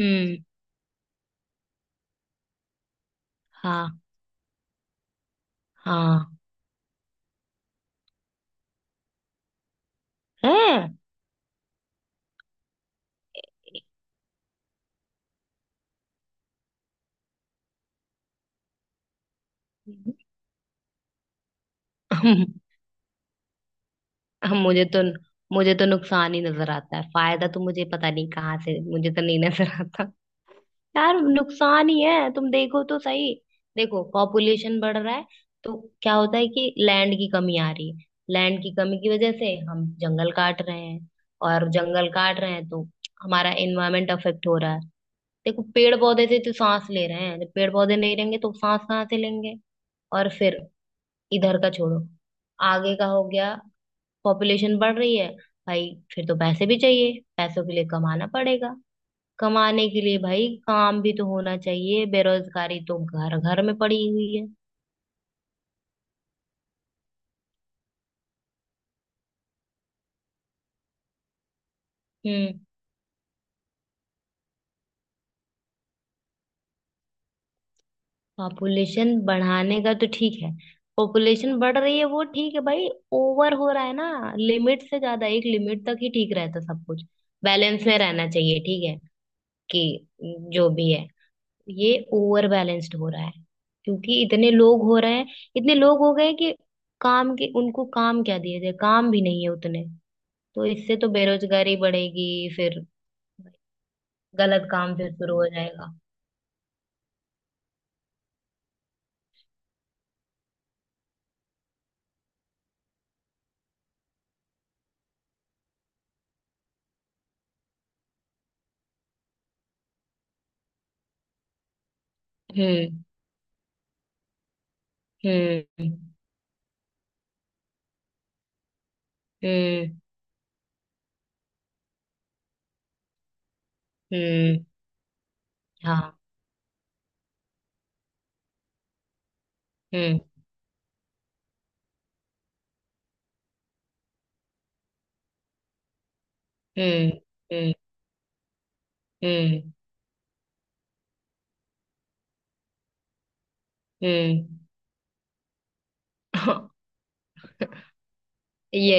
हम्म। हाँ। हाँ। है। मुझे तो मुझे तो नुकसान ही नजर आता है। फायदा तो मुझे पता नहीं कहाँ से, मुझे तो नहीं नजर आता। यार नुकसान ही है, तुम देखो तो सही। देखो, पॉपुलेशन बढ़ रहा है तो क्या होता है कि लैंड की कमी आ रही है। लैंड की कमी की वजह से हम जंगल काट रहे हैं, और जंगल काट रहे हैं तो हमारा एनवायरमेंट अफेक्ट हो रहा है। देखो, पेड़ पौधे से तो सांस ले रहे हैं, पेड़ पौधे नहीं रहेंगे तो सांस कहाँ से लेंगे। और फिर इधर का छोड़ो, आगे का हो गया। पॉपुलेशन बढ़ रही है भाई। फिर तो पैसे भी चाहिए, पैसों के लिए कमाना पड़ेगा। कमाने के लिए भाई काम भी तो होना चाहिए, बेरोजगारी तो घर घर में पड़ी हुई है। हम्म। पॉपुलेशन बढ़ाने का तो ठीक है, पॉपुलेशन बढ़ रही है वो ठीक है भाई। ओवर हो रहा है ना लिमिट से ज्यादा, एक लिमिट तक ही ठीक रहता सब कुछ। बैलेंस में रहना चाहिए ठीक है कि जो भी है। ये ओवर बैलेंस्ड हो रहा है क्योंकि इतने लोग हो रहे हैं। इतने लोग हो गए कि काम के उनको काम क्या दिए जाए, काम भी नहीं है उतने। तो इससे तो बेरोजगारी बढ़ेगी। फिर गलत काम फिर शुरू हो जाएगा। हम्म। हम्म। हम्म। हम्म। हाँ। हम्म। हम्म। हम्म। हम्म। हम्म। ये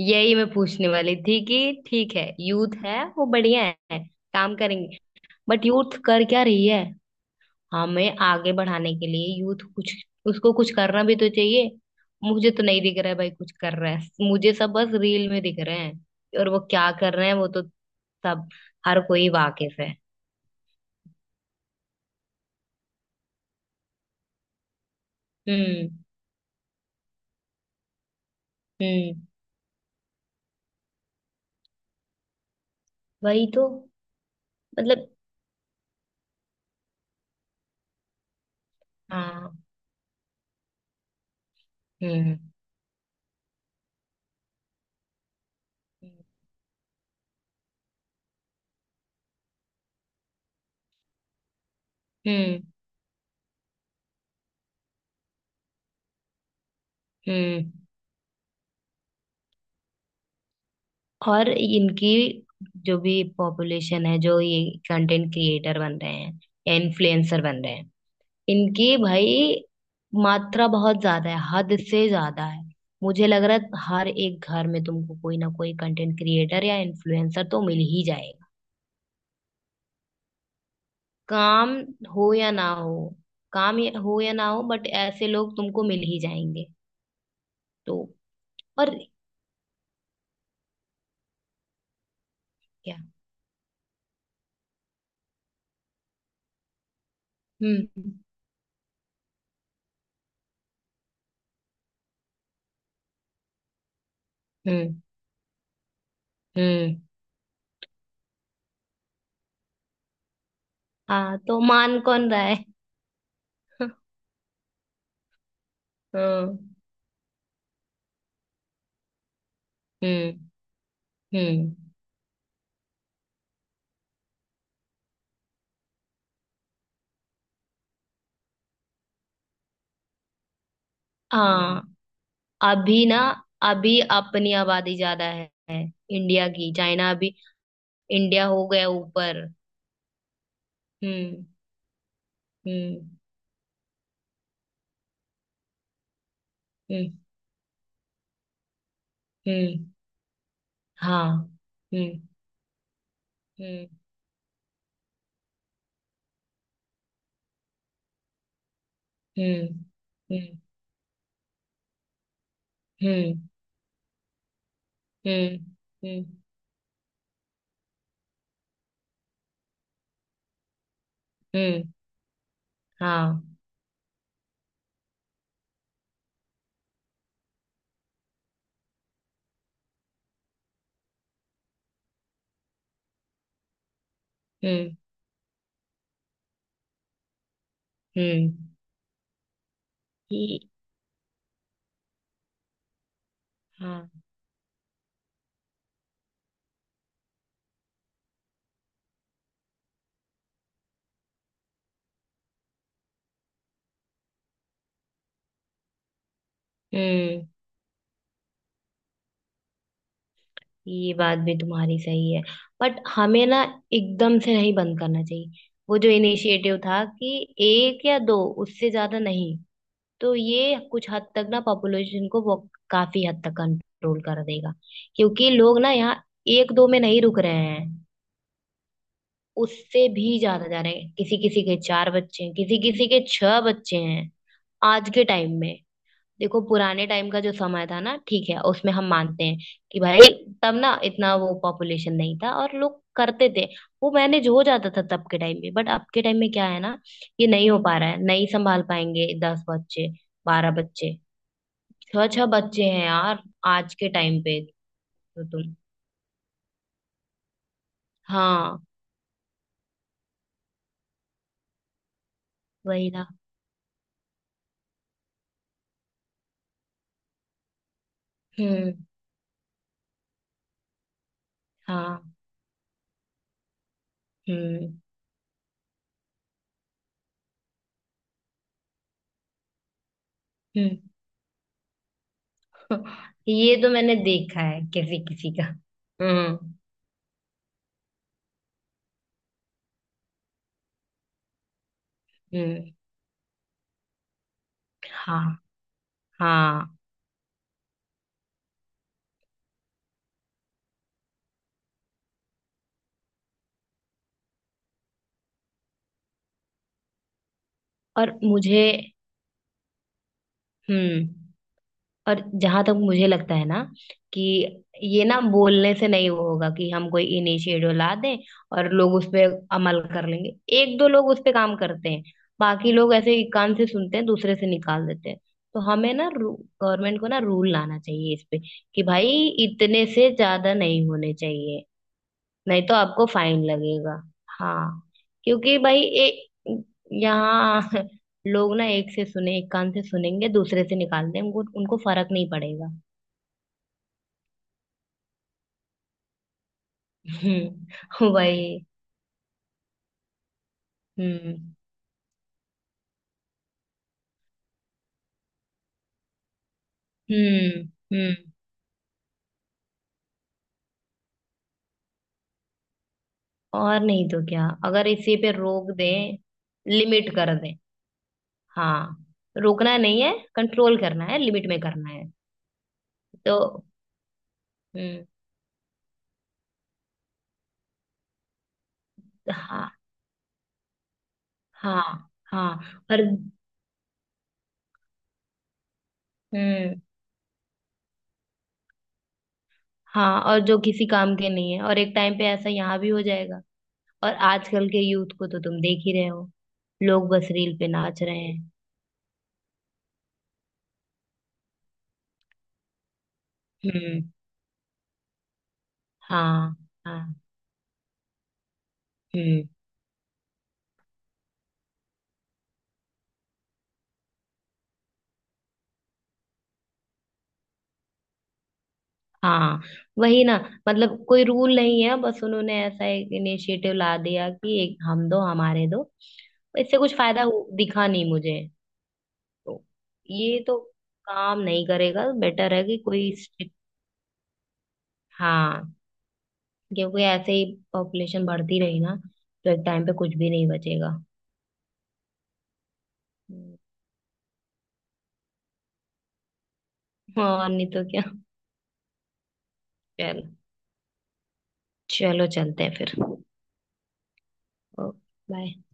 यही मैं पूछने वाली थी कि ठीक है, यूथ है वो बढ़िया है, काम करेंगे, बट यूथ कर क्या रही है। हमें आगे बढ़ाने के लिए यूथ कुछ, उसको कुछ करना भी तो चाहिए। मुझे तो नहीं दिख रहा है भाई कुछ कर रहा है, मुझे सब बस रील में दिख रहे हैं, और वो क्या कर रहे हैं वो तो सब हर कोई वाकिफ है। हम्म। हम्म। वही तो। मतलब हाँ। हम्म। हम्म। हम्म। हम्म। और इनकी जो भी पॉपुलेशन है जो ये कंटेंट क्रिएटर बन रहे हैं, इन्फ्लुएंसर बन रहे हैं, इनकी भाई मात्रा बहुत ज्यादा है, हद से ज्यादा है। मुझे लग रहा है हर एक घर में तुमको कोई ना कोई कंटेंट क्रिएटर या इन्फ्लुएंसर तो मिल ही जाएगा। काम हो या ना हो, हो या ना हो बट ऐसे लोग तुमको मिल ही जाएंगे। तो और क्या। हम्म। हम्म। हम्म। हाँ, तो मान कौन रहा है। हम्म। हम्म। हम्म। हाँ। अभी ना अभी अपनी आबादी ज्यादा है। इंडिया की चाइना अभी। इंडिया हो गया ऊपर। हम्म। हम्म। हम्म। हम्म। हाँ। हम्म। हम्म। हम्म। हम्म। हम्म। हम्म। हम्म। हम्म। हाँ। हम्म। हम्म। ये। हाँ। हम्म। ये बात भी तुम्हारी सही है, बट हमें ना एकदम से नहीं बंद करना चाहिए। वो जो इनिशिएटिव था कि एक या दो, उससे ज्यादा नहीं, तो ये कुछ हद तक ना पॉपुलेशन को बहुत काफी हद तक कंट्रोल कर देगा, क्योंकि लोग ना यहाँ एक दो में नहीं रुक रहे हैं, उससे भी ज्यादा जा रहे हैं। किसी किसी के चार बच्चे हैं, किसी किसी के छह बच्चे हैं आज के टाइम में। देखो पुराने टाइम का जो समय था ना, ठीक है, उसमें हम मानते हैं कि भाई तब ना इतना वो पॉपुलेशन नहीं था और लोग करते थे, वो मैनेज हो जाता था तब के टाइम में, बट अब के टाइम में क्या है ना, ये नहीं हो पा रहा है, नहीं संभाल पाएंगे दस बच्चे, बारह बच्चे। छह छह बच्चे हैं यार आज के टाइम पे। तो तुम। हाँ, वही ना। हम्म। हाँ। हम्म। हम्म। ये तो मैंने देखा है किसी किसी का। हम्म। हम्म। हाँ। हाँ, और मुझे। हम्म। और जहां तक मुझे लगता है ना, कि ये ना बोलने से नहीं वो होगा कि हम कोई इनिशिएटिव ला दें और लोग उस पे अमल कर लेंगे। एक दो लोग उस पे काम करते हैं, बाकी लोग ऐसे एक कान से सुनते हैं दूसरे से निकाल देते हैं। तो हमें ना गवर्नमेंट को ना रूल लाना चाहिए इस पे कि भाई इतने से ज्यादा नहीं होने चाहिए, नहीं तो आपको फाइन लगेगा। हाँ, क्योंकि भाई यहाँ लोग ना एक कान से सुनेंगे दूसरे से निकाल देंगे, उनको उनको फर्क नहीं पड़ेगा। हम्म। वही। हम्म। हम्म। हम्म। और नहीं तो क्या, अगर इसी पे रोक दें, लिमिट कर दें। हाँ, रोकना नहीं है, कंट्रोल करना है, लिमिट में करना है। तो हम्म। हाँ। हाँ। हाँ, और। हम्म। हाँ, और जो किसी काम के नहीं है, और एक टाइम पे ऐसा यहाँ भी हो जाएगा। और आजकल के यूथ को तो तुम देख ही रहे हो, लोग बस रील पे नाच रहे हैं। हम्म। हाँ। हाँ। हम्म। हाँ, वही ना। मतलब कोई रूल नहीं है, बस उन्होंने ऐसा एक इनिशिएटिव ला दिया कि एक, हम दो हमारे दो, इससे कुछ फायदा दिखा नहीं मुझे। तो ये तो काम नहीं करेगा, बेटर है कि कोई स्ट्रिक्ट। हाँ, क्योंकि ऐसे ही पॉपुलेशन बढ़ती रही ना तो एक टाइम पे कुछ भी नहीं बचेगा। हम्म, और नहीं तो क्या। चलो, चलो चलते हैं फिर। बाय।